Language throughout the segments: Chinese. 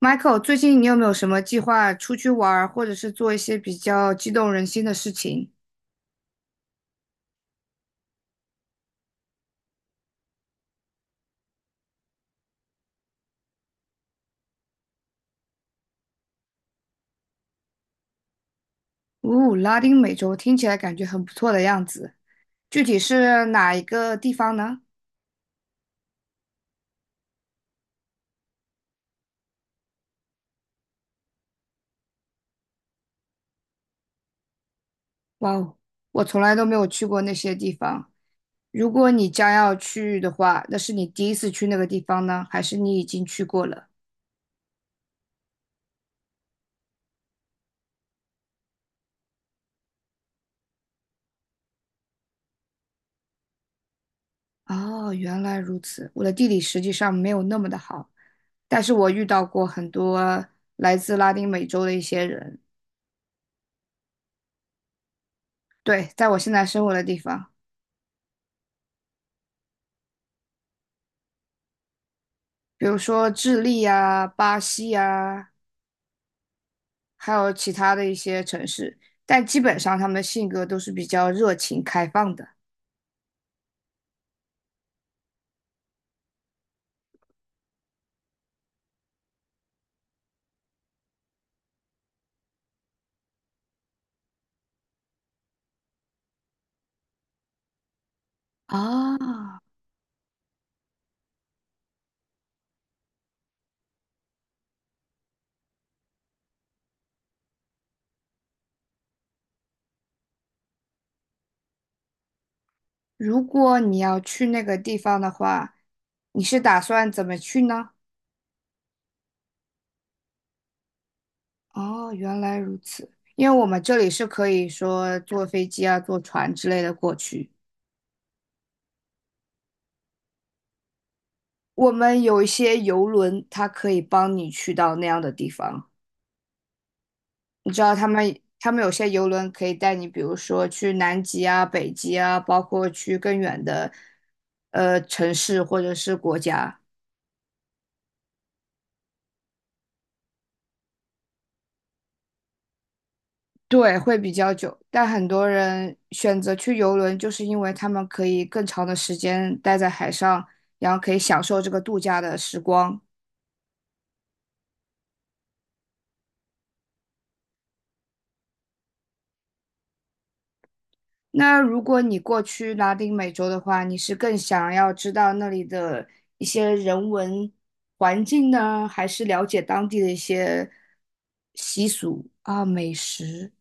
Michael，最近你有没有什么计划出去玩儿，或者是做一些比较激动人心的事情？哦，拉丁美洲听起来感觉很不错的样子，具体是哪一个地方呢？哇哦，我从来都没有去过那些地方。如果你将要去的话，那是你第一次去那个地方呢，还是你已经去过了？哦，原来如此。我的地理实际上没有那么的好，但是我遇到过很多来自拉丁美洲的一些人，对，在我现在生活的地方。比如说智利啊、巴西啊，还有其他的一些城市，但基本上他们的性格都是比较热情开放的。啊，如果你要去那个地方的话，你是打算怎么去呢？哦，原来如此。因为我们这里是可以说坐飞机啊、坐船之类的过去，我们有一些游轮，它可以帮你去到那样的地方。你知道他们有些游轮可以带你，比如说去南极啊、北极啊，包括去更远的城市或者是国家。对，会比较久，但很多人选择去游轮，就是因为他们可以更长的时间待在海上，然后可以享受这个度假的时光。那如果你过去拉丁美洲的话，你是更想要知道那里的一些人文环境呢，还是了解当地的一些习俗啊、美食？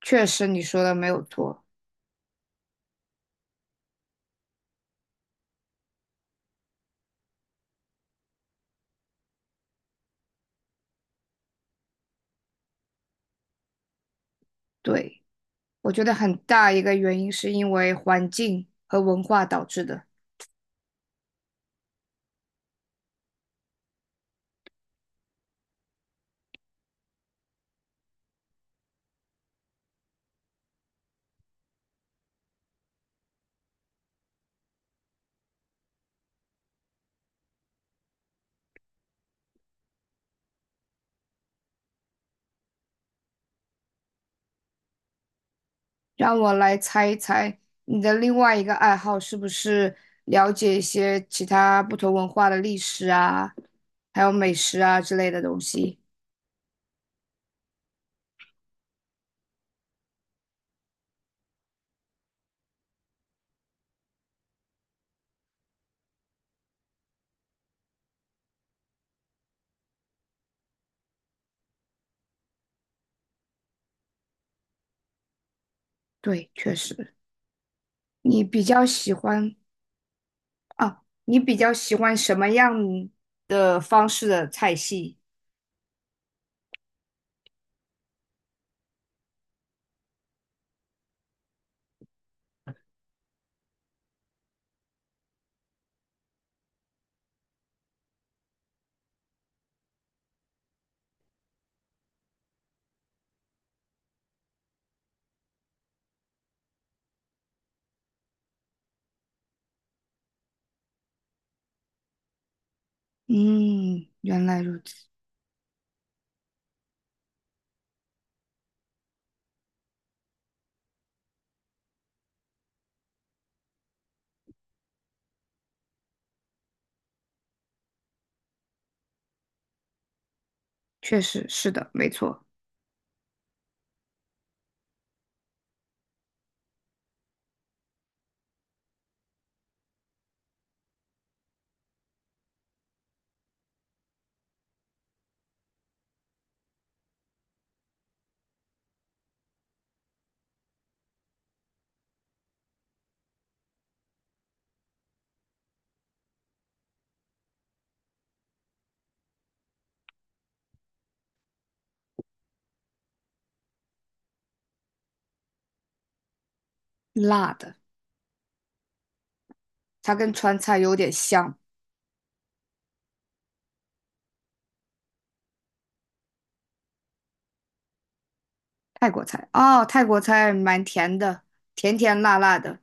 确实，你说的没有错。对，我觉得很大一个原因是因为环境和文化导致的。让我来猜一猜，你的另外一个爱好是不是了解一些其他不同文化的历史啊，还有美食啊之类的东西？对，确实，你比较喜欢啊，你比较喜欢什么样的方式的菜系？嗯，原来如此，确实是的，没错，辣的，它跟川菜有点像，泰国菜哦，泰国菜蛮甜的，甜甜辣辣的，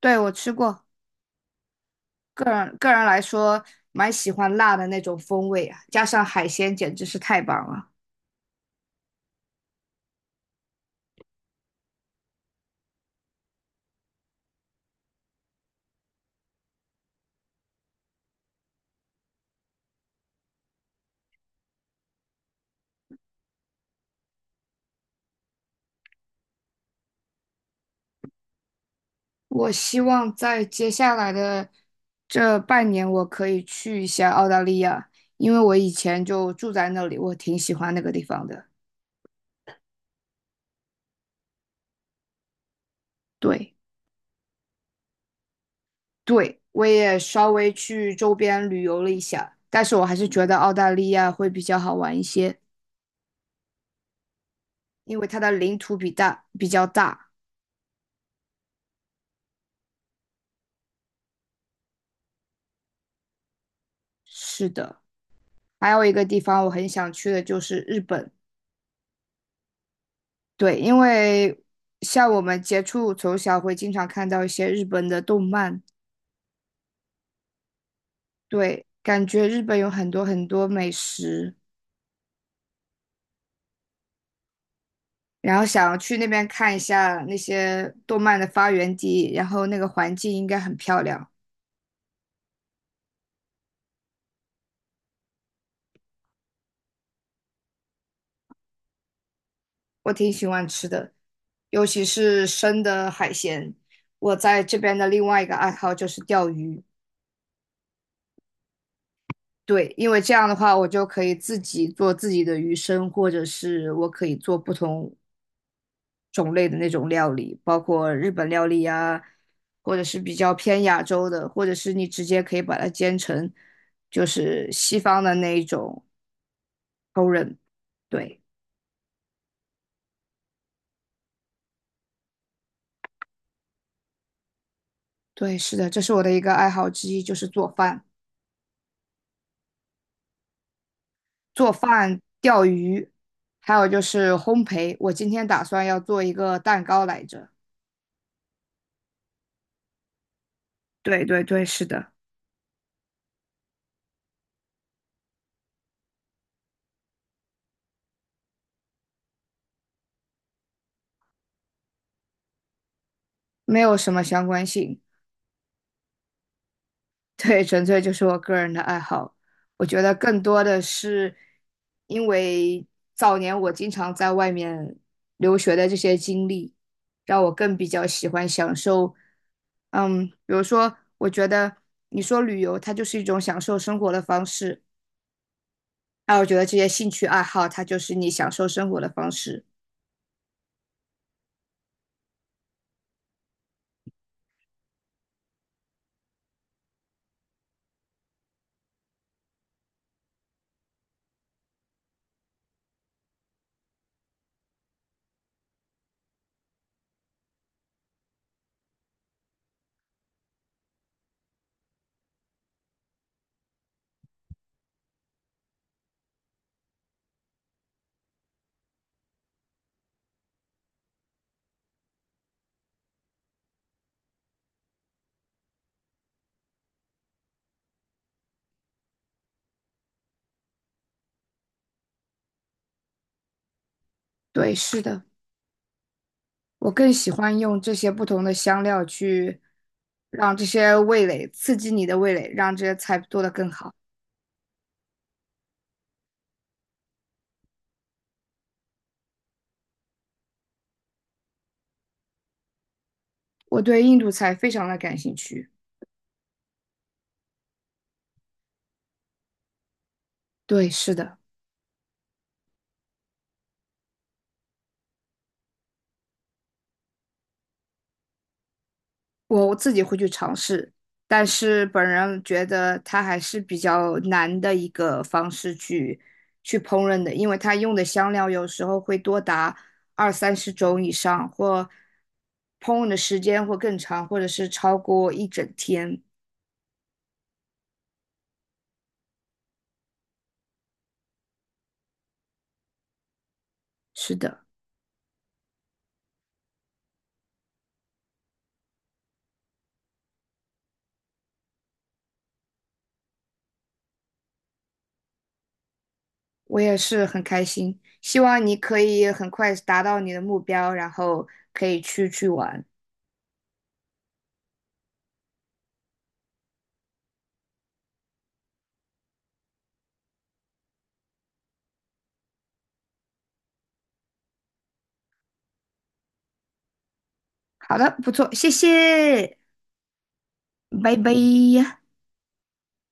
对，我吃过，个人来说蛮喜欢辣的那种风味啊，加上海鲜简直是太棒了。我希望在接下来的这半年，我可以去一下澳大利亚，因为我以前就住在那里，我挺喜欢那个地方的。对，对，我也稍微去周边旅游了一下，但是我还是觉得澳大利亚会比较好玩一些，因为它的领土比大，比较大。是的，还有一个地方我很想去的就是日本。对，因为像我们接触从小会经常看到一些日本的动漫。对，感觉日本有很多很多美食，然后想去那边看一下那些动漫的发源地，然后那个环境应该很漂亮，我挺喜欢吃的，尤其是生的海鲜。我在这边的另外一个爱好就是钓鱼，对，因为这样的话我就可以自己做自己的鱼生，或者是我可以做不同种类的那种料理，包括日本料理呀，或者是比较偏亚洲的，或者是你直接可以把它煎成就是西方的那一种 Toren 对对，是的，这是我的一个爱好之一，就是做饭、做饭、钓鱼，还有就是烘焙。我今天打算要做一个蛋糕来着。对对对，是的，没有什么相关性。对，纯粹就是我个人的爱好。我觉得更多的是因为早年我经常在外面留学的这些经历，让我更比较喜欢享受。嗯，比如说，我觉得你说旅游，它就是一种享受生活的方式。那我觉得这些兴趣爱好，它就是你享受生活的方式。对，是的，我更喜欢用这些不同的香料去让这些味蕾刺激你的味蕾，让这些菜做得更好。我对印度菜非常的感兴趣。对，是的，我自己会去尝试，但是本人觉得它还是比较难的一个方式去烹饪的，因为它用的香料有时候会多达二三十种以上，或烹饪的时间会更长，或者是超过一整天。是的，我也是很开心，希望你可以很快达到你的目标，然后可以去玩。好的，不错，谢谢。拜拜。